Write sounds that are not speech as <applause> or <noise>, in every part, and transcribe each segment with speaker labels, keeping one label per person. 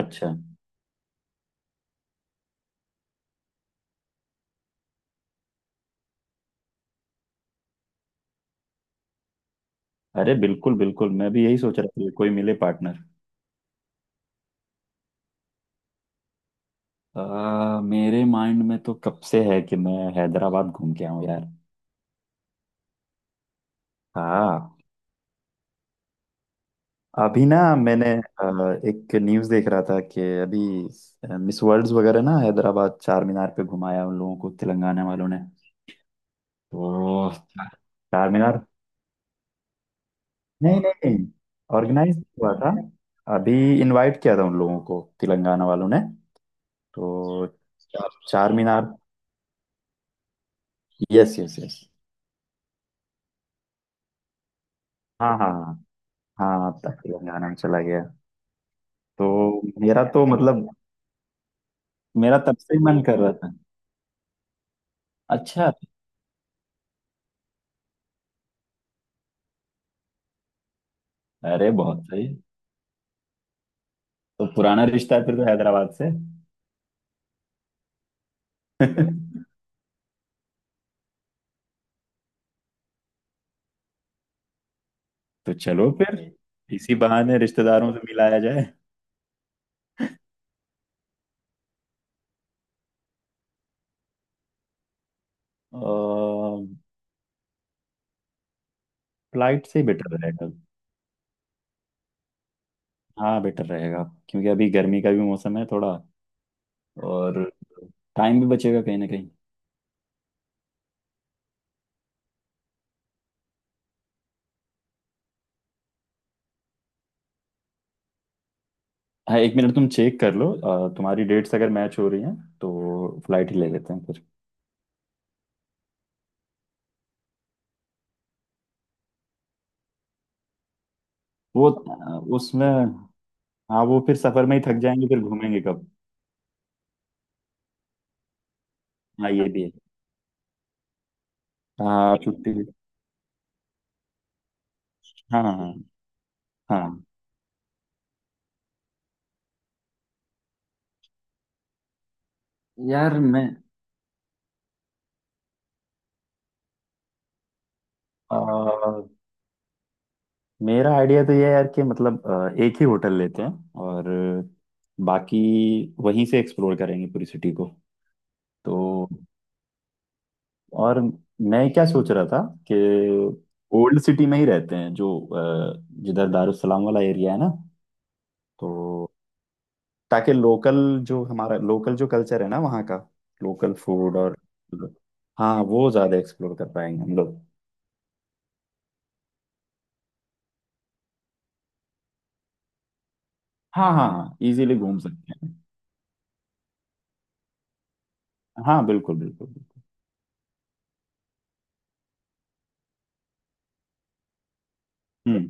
Speaker 1: अच्छा। अरे बिल्कुल बिल्कुल, मैं भी यही सोच रहा था कि कोई मिले पार्टनर। मेरे माइंड में तो कब से है कि मैं हैदराबाद घूम के आऊं यार। हाँ। अभी ना मैंने एक न्यूज़ देख रहा था कि अभी मिस वर्ल्ड्स वगैरह ना, हैदराबाद चार मीनार पे घुमाया उन लोगों को तेलंगाना वालों ने। तो चार मीनार। नहीं, नहीं, नहीं, ऑर्गेनाइज हुआ था अभी। इनवाइट किया था उन लोगों को तेलंगाना वालों ने, तो चार Charminar. Yes, yes, yes. हाँ, हाँ, हाँ। हाँ, तब तेलंगाना में चला गया। तो मेरा तो मतलब, मेरा तब से ही मन कर रहा था। अच्छा। अरे बहुत सही। तो पुराना रिश्ता है फिर तो हैदराबाद से। <laughs> तो चलो फिर, इसी बहाने रिश्तेदारों से मिलाया जाए। और फ्लाइट से बेटर रहेगा। हाँ, बेटर रहेगा। क्योंकि अभी गर्मी का भी मौसम है थोड़ा, और टाइम भी बचेगा कहीं ना कहीं। हाँ, एक मिनट तुम चेक कर लो, तुम्हारी डेट्स अगर मैच हो रही हैं तो फ्लाइट ही ले लेते हैं फिर। वो उसमें, हाँ, वो फिर सफर में ही थक जाएंगे, फिर घूमेंगे कब? हाँ, ये भी है। हाँ, छुट्टी। हाँ, हाँ, हाँ, हाँ। यार मैं अ, मेरा आइडिया तो ये है यार, कि मतलब एक ही होटल लेते हैं और बाकी वहीं से एक्सप्लोर करेंगे पूरी सिटी को। तो, और मैं क्या सोच रहा था कि ओल्ड सिटी में ही रहते हैं, जो जिधर दारुसलाम वाला एरिया है ना। तो, ताकि लोकल जो हमारा लोकल जो कल्चर है ना वहाँ का, लोकल फूड और, हाँ, वो ज्यादा एक्सप्लोर कर पाएंगे हम लोग। हाँ, हाँ, हाँ, इजीली घूम सकते हैं। हाँ, बिल्कुल बिल्कुल बिल्कुल। हम्म।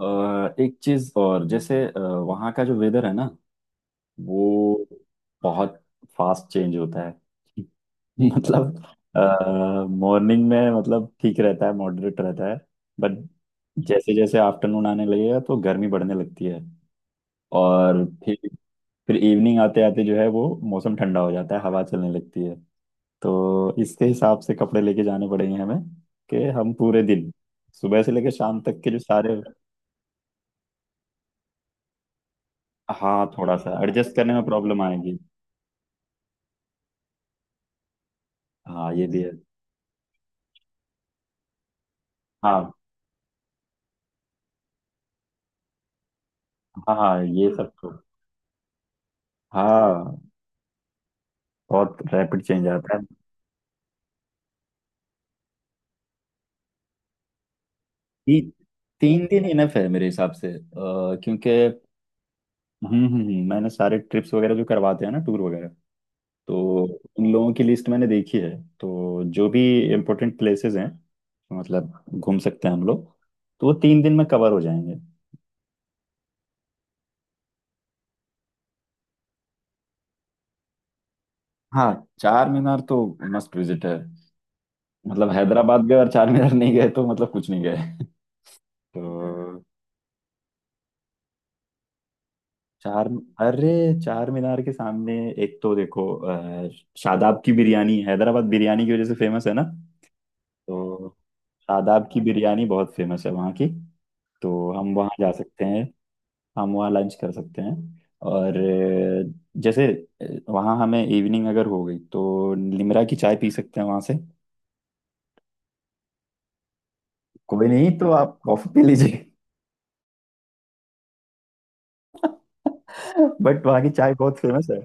Speaker 1: एक चीज और, जैसे वहाँ का जो वेदर है ना, वो बहुत फास्ट चेंज होता है। <laughs> मतलब मॉर्निंग में मतलब ठीक रहता है, मॉडरेट रहता है। बट जैसे जैसे आफ्टरनून आने लगेगा तो गर्मी बढ़ने लगती है, और फिर इवनिंग आते आते जो है वो मौसम ठंडा हो जाता है, हवा चलने लगती है। तो इसके हिसाब से कपड़े लेके जाने पड़ेंगे हमें, कि हम पूरे दिन सुबह से लेकर शाम तक के जो सारे। हाँ, थोड़ा सा एडजस्ट करने में प्रॉब्लम आएगी। हाँ, ये भी है। हाँ, हाँ, हाँ, ये सब तो। हाँ, बहुत रैपिड चेंज आता है। ती, 3 दिन इनफ है मेरे हिसाब से, क्योंकि मैंने सारे ट्रिप्स वगैरह जो करवाते हैं ना टूर वगैरह, तो उन लोगों की लिस्ट मैंने देखी है। तो जो भी इम्पोर्टेंट प्लेसेस हैं मतलब घूम सकते हैं हम लोग, तो वो 3 दिन में कवर हो जाएंगे। हाँ, चार मीनार तो मस्ट विजिट है। मतलब हैदराबाद गए और चार मीनार नहीं गए तो मतलब कुछ नहीं गए। तो चार, अरे चार मीनार के सामने एक तो देखो, शादाब की बिरयानी हैदराबाद बिरयानी की वजह से फेमस है ना। तो शादाब की बिरयानी बहुत फेमस है वहाँ की। तो हम वहाँ जा सकते हैं, हम वहाँ लंच कर सकते हैं। और जैसे वहाँ हमें इवनिंग अगर हो गई तो निमरा की चाय पी सकते हैं वहाँ से। कोई नहीं, तो आप कॉफ़ी पी लीजिए। <laughs> बट वहाँ की चाय बहुत फेमस है।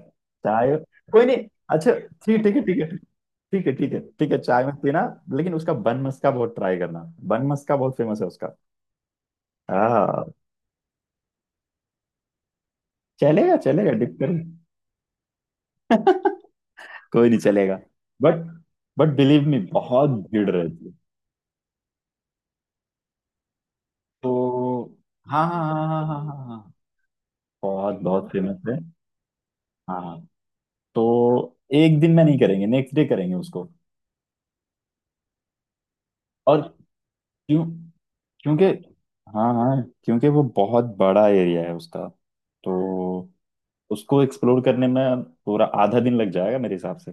Speaker 1: चाय। कोई नहीं। अच्छा। ठीक ठीक है, ठीक है। ठीक है, ठीक है, ठीक है, चाय में पीना। लेकिन उसका बन मस्का बहुत ट्राई करना, बन मस्का बहुत फेमस है उसका। हाँ, चलेगा चलेगा डिप। <laughs> कोई नहीं, चलेगा। बट बट बिलीव मी बहुत भीड़ रहती है। तो। हाँ, हाँ, हाँ, हाँ, हाँ, हाँ, हाँ, बहुत बहुत फेमस है। हाँ, हाँ। तो एक दिन में नहीं करेंगे, नेक्स्ट डे करेंगे उसको। और क्यों? क्योंकि, हाँ, हाँ, क्योंकि वो बहुत बड़ा एरिया है उसका। तो उसको एक्सप्लोर करने में पूरा आधा दिन लग जाएगा मेरे हिसाब से।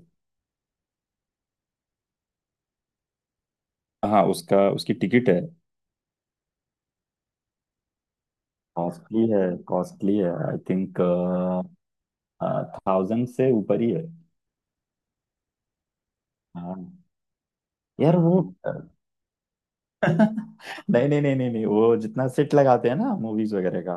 Speaker 1: हाँ, उसका उसकी टिकट है। कॉस्टली है, कॉस्टली है आई थिंक, 1000 से ऊपर ही है। हाँ। यार वो, नहीं, नहीं, नहीं, नहीं, नहीं, वो जितना सेट लगाते हैं ना मूवीज वगैरह का,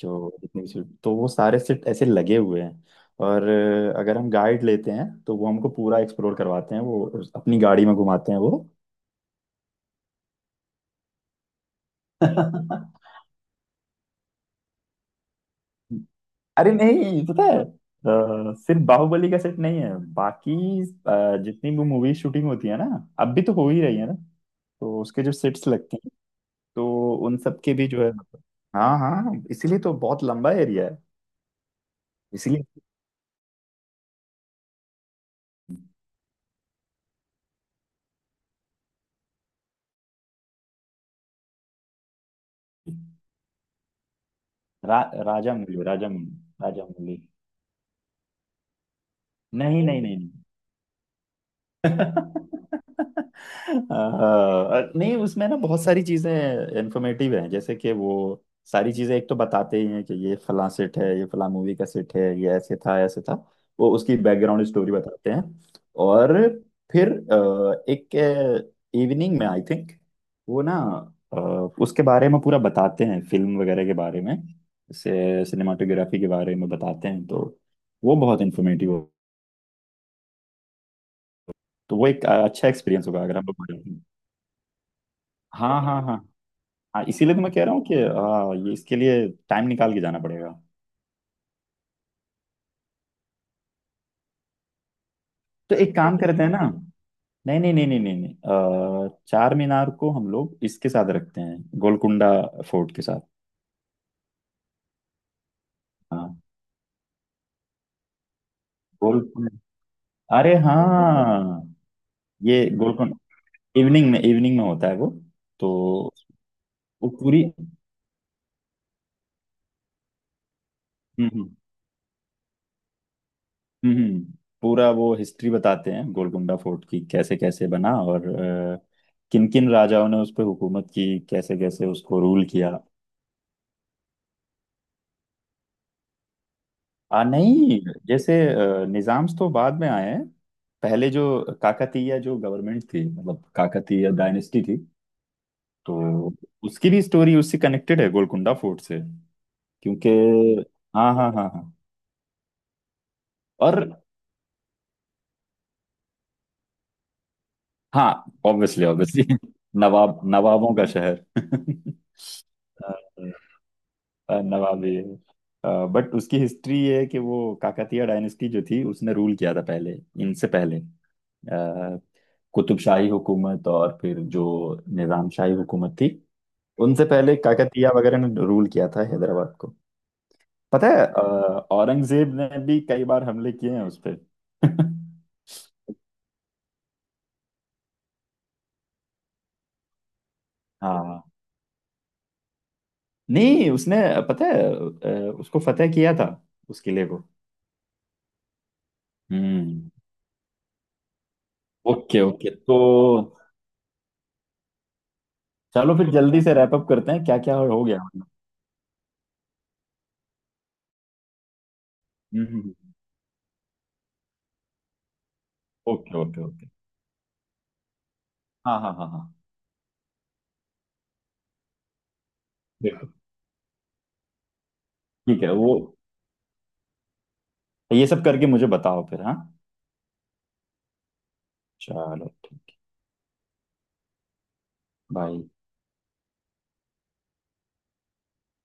Speaker 1: जो जितने भी सेट, तो वो सारे सेट ऐसे लगे हुए हैं। और अगर हम गाइड लेते हैं तो वो हमको पूरा एक्सप्लोर करवाते हैं, वो अपनी गाड़ी में घुमाते हैं वो। <laughs> अरे नहीं, पता है, सिर्फ बाहुबली का सेट नहीं है बाकी जितनी भी मूवी शूटिंग होती है ना, अब भी तो हो ही रही है ना, तो उसके जो सेट्स लगते हैं, तो उन सब के भी जो है। हाँ, हाँ, हाँ, इसीलिए तो बहुत लंबा एरिया है। इसीलिए। रा, राजामौली, राजामौली, राजामौली। नहीं, नहीं, नहीं, नहीं। <laughs> अ, नहीं, उसमें ना बहुत सारी चीजें इन्फॉर्मेटिव हैं, जैसे कि वो सारी चीजें एक तो बताते ही हैं कि ये फलां सेट है, ये फलां मूवी का सेट है, ये ऐसे था, ऐसे था। वो उसकी बैकग्राउंड स्टोरी बताते हैं। और फिर एक इवनिंग में आई थिंक वो ना अ, उसके बारे में पूरा बताते हैं, फिल्म वगैरह के बारे में से सिनेमाटोग्राफी के बारे में बताते हैं, तो वो बहुत इन्फॉर्मेटिव हो। तो वो एक अच्छा एक्सपीरियंस होगा अगर हम लोग। हाँ, हाँ, हाँ, हाँ, इसीलिए तो मैं कह रहा हूँ कि हाँ, ये इसके लिए टाइम निकाल के जाना पड़ेगा। तो एक काम करते हैं ना। नहीं, नहीं, नहीं, नहीं, नहीं, नहीं, चार मीनार को हम लोग इसके साथ रखते हैं गोलकुंडा फोर्ट के साथ। हाँ, गोलकुंडा। अरे हाँ, ये गोलकुंडा इवनिंग में होता है वो। तो वो पूरी हम्म हम्म हम्म, हम्म, पूरा वो हिस्ट्री बताते हैं गोलकुंडा फोर्ट की, कैसे कैसे बना और किन किन राजाओं ने उस पर हुकूमत की, कैसे कैसे उसको रूल किया। नहीं, जैसे निज़ाम्स तो बाद में आए हैं। पहले जो काकतीय जो गवर्नमेंट थी, मतलब काकतीय डायनेस्टी थी, तो उसकी भी स्टोरी उससे कनेक्टेड है गोलकुंडा फोर्ट से। क्योंकि, हाँ, हाँ, हाँ, हाँ, और, हाँ, ऑब्वियसली ऑब्वियसली। <laughs> नवाब नवाबों का शहर। <laughs> अ, नवाबी। बट उसकी हिस्ट्री ये है कि वो काकतीय डायनेस्टी जो थी उसने रूल किया था पहले। इनसे पहले कुतुबशाही हुकूमत और फिर जो निजामशाही हुकूमत थी, उनसे पहले काकतीय वगैरह ने रूल किया था हैदराबाद को। पता है, औरंगजेब ने भी कई बार हमले किए हैं उस पे। <laughs> हाँ नहीं, उसने, पता है, उसको फतेह किया था उस किले को। हम्म। ओके, ओके, तो चलो फिर जल्दी से रैप अप करते हैं, क्या क्या हो गया। हम्म। Okay, okay, okay. हाँ, हाँ, हाँ, हाँ, ठीक है वो, ये सब करके मुझे बताओ फिर, हाँ। चलो ठीक है, बाय।